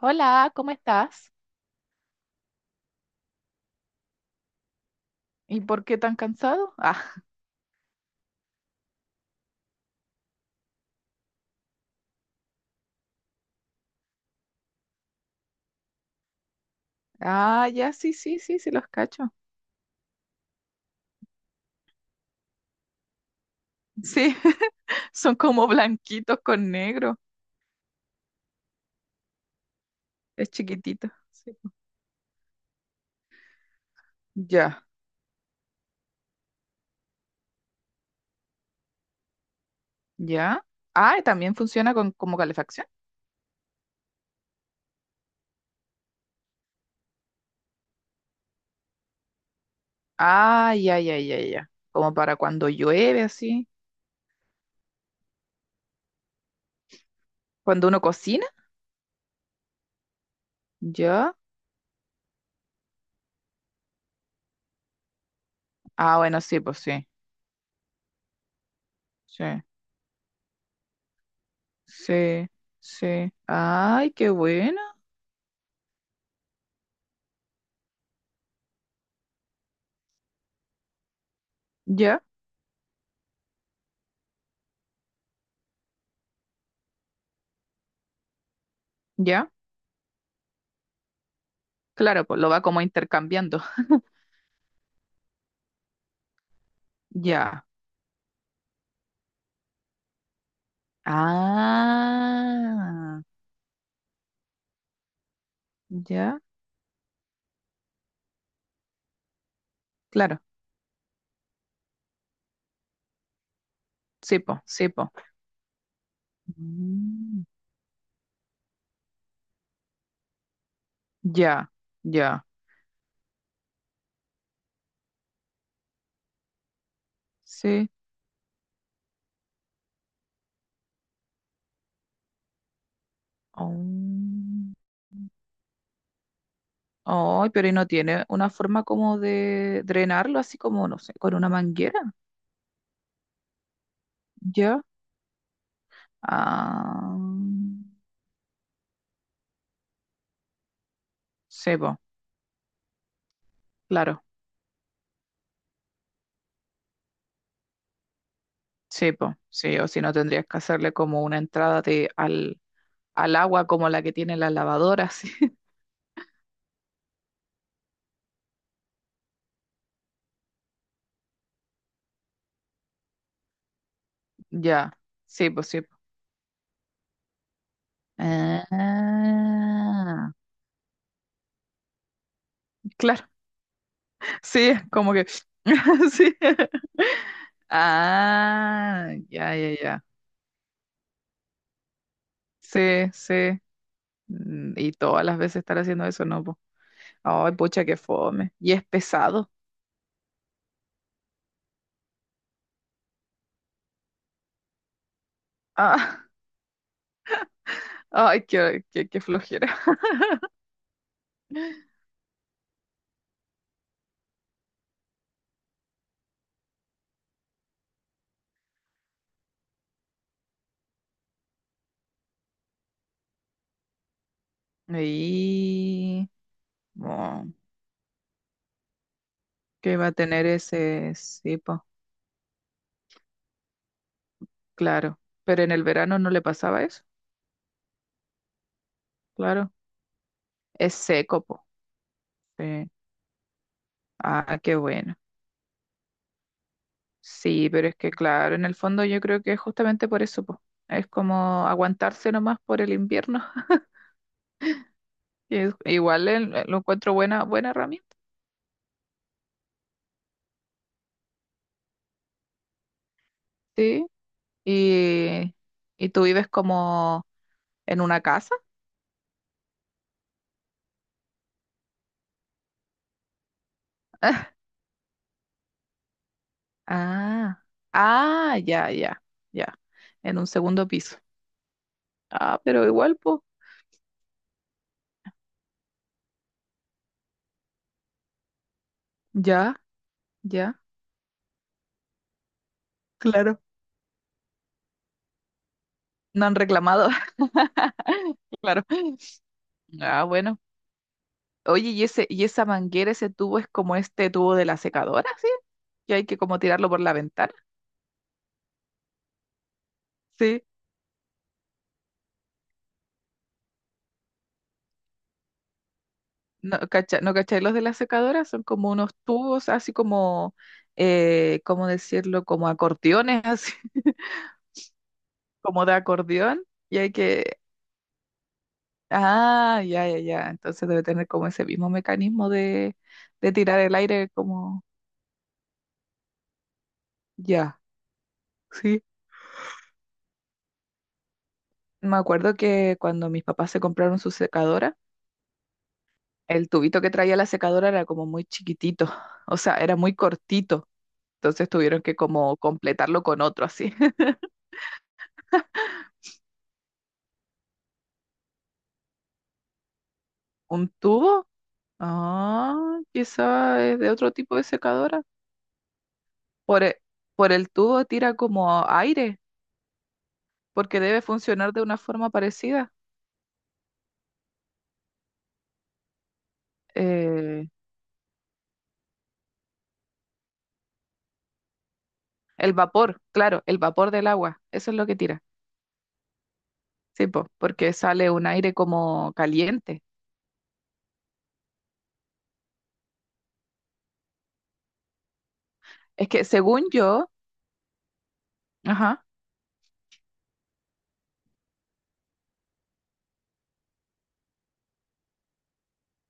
Hola, ¿cómo estás? ¿Y por qué tan cansado? Ah, ah, ya, sí, sí, sí, sí, los cacho. Sí, son como blanquitos con negro. Es chiquitito. Sí. Ya, ya. Ah, ¿y también funciona con, como calefacción. Ah, ya, ya, ya, ya. Como para cuando llueve, así. Cuando uno cocina. Ya. Ah, bueno, sí, pues sí. Sí, sí, sí. Ay, qué bueno. Ya, ya. Claro, pues lo va como intercambiando. Ya. Ah, ya, claro. Sí, po, sí, po. Mm, ya, ya. Sí. Mm. Ay, pero ¿y no tiene una forma como de drenarlo, así como, no sé, con una manguera? ¿Ya? Ah, sí, po, claro, sí, po, sí, o si no tendrías que hacerle como una entrada de, al, al agua como la que tiene la lavadora, así. Ya, sí, pues sí, po. Ah, claro, sí, como que. Sí. Ah, ya, ya, ya. Sí, sí. Mm, y todas las veces estar haciendo eso, no, po. Ay, pucha, qué fome. Y es pesado. Ah, ay, qué, qué, qué flojera. Y bueno, que iba a tener ese. Sí, po, claro. Pero en el verano no le pasaba eso. Claro. Es seco, po. Sí. Ah, qué bueno. Sí, pero es que claro, en el fondo yo creo que es justamente por eso, po. Es como aguantarse nomás por el invierno. Y es- igual el- lo encuentro buena, buena herramienta, sí. Y, y tú vives como en una casa. Ah, ah, ya, ya, ya. En un segundo piso. Ah, pero igual, pues, ya, ya. Claro. No han reclamado, claro. Ah, bueno. Oye, ¿y ese, y esa manguera, ese tubo es como este tubo de la secadora? ¿Sí? Que hay que como tirarlo por la ventana, ¿sí? ¿No, cacha, no cachai? Los de la secadora son como unos tubos, así como, ¿cómo decirlo? Como acordeones, así, como de acordeón, y hay que... Ah, ya, ya, ya. Entonces debe tener como ese mismo mecanismo de tirar el aire como... Ya, sí. Me acuerdo que cuando mis papás se compraron su secadora, el tubito que traía la secadora era como muy chiquitito, o sea, era muy cortito. Entonces tuvieron que como completarlo con otro así. ¿Un tubo? Ah, quizá es de otro tipo de secadora. Por el, por el tubo tira como aire, porque debe funcionar de una forma parecida. Eh, el vapor, claro, el vapor del agua, eso es lo que tira. Sí, po, porque sale un aire como caliente. Es que según yo, ajá,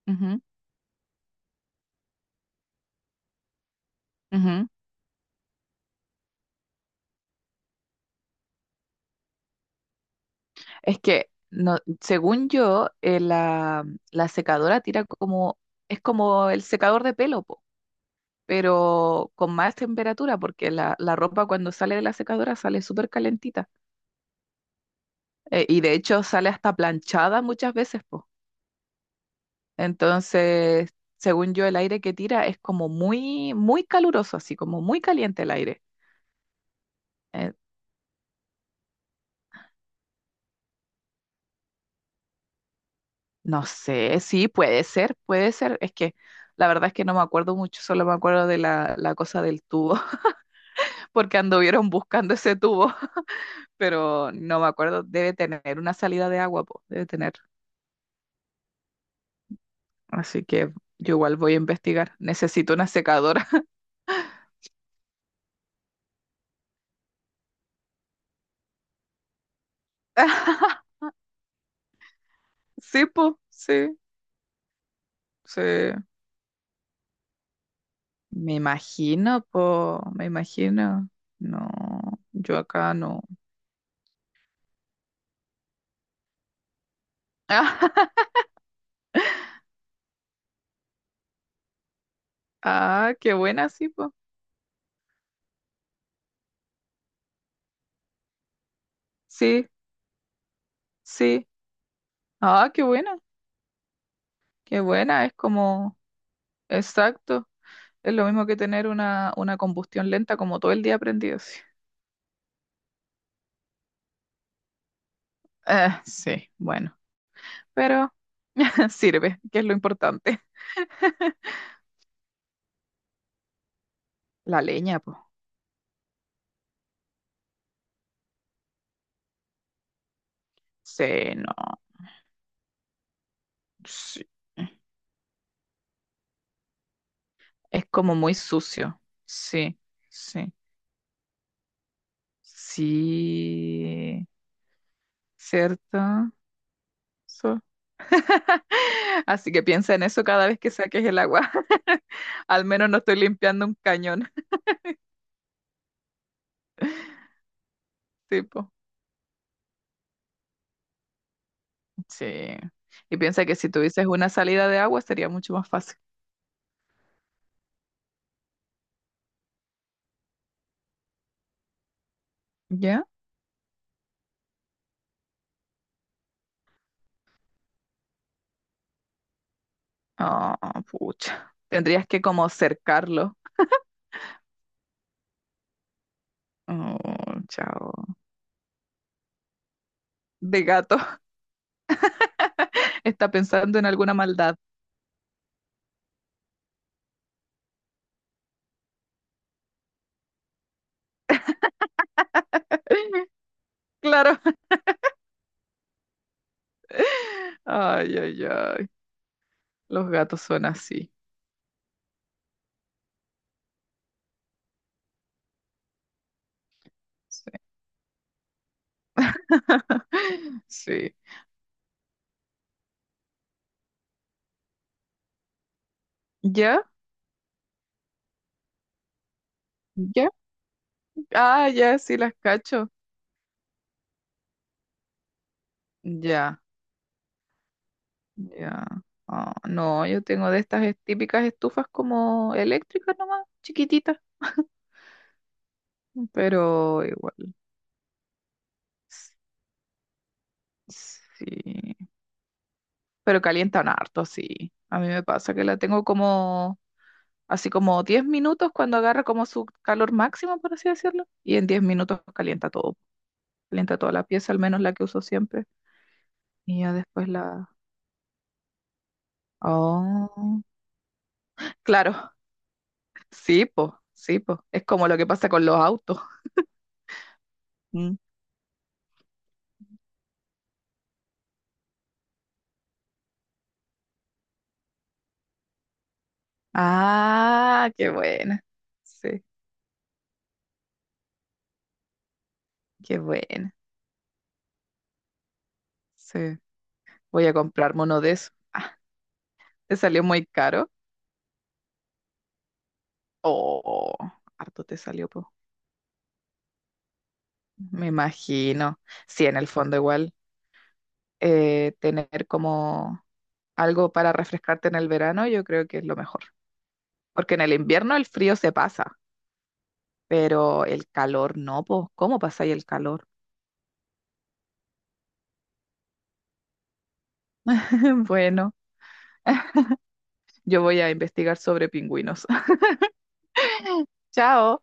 ujú, ujú, es que no, según yo, la, la secadora tira como, es como el secador de pelo, po. Pero con más temperatura, porque la ropa cuando sale de la secadora sale súper calentita. Y de hecho sale hasta planchada muchas veces, po. Entonces, según yo, el aire que tira es como muy, muy caluroso, así como muy caliente el aire. Eh, no sé, sí, puede ser, puede ser. Es que la verdad es que no me acuerdo mucho, solo me acuerdo de la, la cosa del tubo, porque anduvieron buscando ese tubo, pero no me acuerdo. Debe tener una salida de agua, po, debe tener. Así que yo igual voy a investigar. Necesito una secadora. Sí, po, sí, sí. Me imagino, po, me imagino. No, yo acá no. Ah, qué buena, sí, po. Sí, sí. Ah, qué buena, qué buena. Es como, exacto. Es lo mismo que tener una combustión lenta como todo el día prendido. Sí, ah, sí, bueno. Pero sirve, que es lo importante. La leña, po. Sí, no. Sí. Es como muy sucio. Sí, sí. Sí, ¿cierto? So- Así que piensa en eso cada vez que saques el agua. Al menos no estoy limpiando un cañón, tipo. Sí. Y piensa que si tuvieses una salida de agua sería mucho más fácil. ¿Ya? Ah, pucha. Tendrías que como cercarlo. Oh, chao. De gato. Está pensando en alguna maldad. Claro. Ay, ay, ay. Los gatos son así. Sí. Sí. ¿Ya? ¿Ya? Ah, ya, sí las cacho. Ya, ya. Ah, no, yo tengo de estas es- típicas estufas como eléctricas nomás, chiquititas, pero igual. S- Sí. Pero calientan harto, sí. A mí me pasa que la tengo como, así como 10 minutos cuando agarra como su calor máximo, por así decirlo. Y en 10 minutos calienta todo. Calienta toda la pieza, al menos la que uso siempre. Y ya después la, oh, claro, sí, po, sí, po. Es como lo que pasa con los autos. Mm. Ah, qué buena. Sí, qué buena. Sí, voy a comprarme uno de esos. Ah, ¿te salió muy caro? Oh, harto te salió, po. Me imagino. Sí, en el fondo igual. Tener como algo para refrescarte en el verano, yo creo que es lo mejor. Porque en el invierno el frío se pasa, pero el calor no, po. ¿Cómo pasa ahí el calor? Bueno. Yo voy a investigar sobre pingüinos. Chao.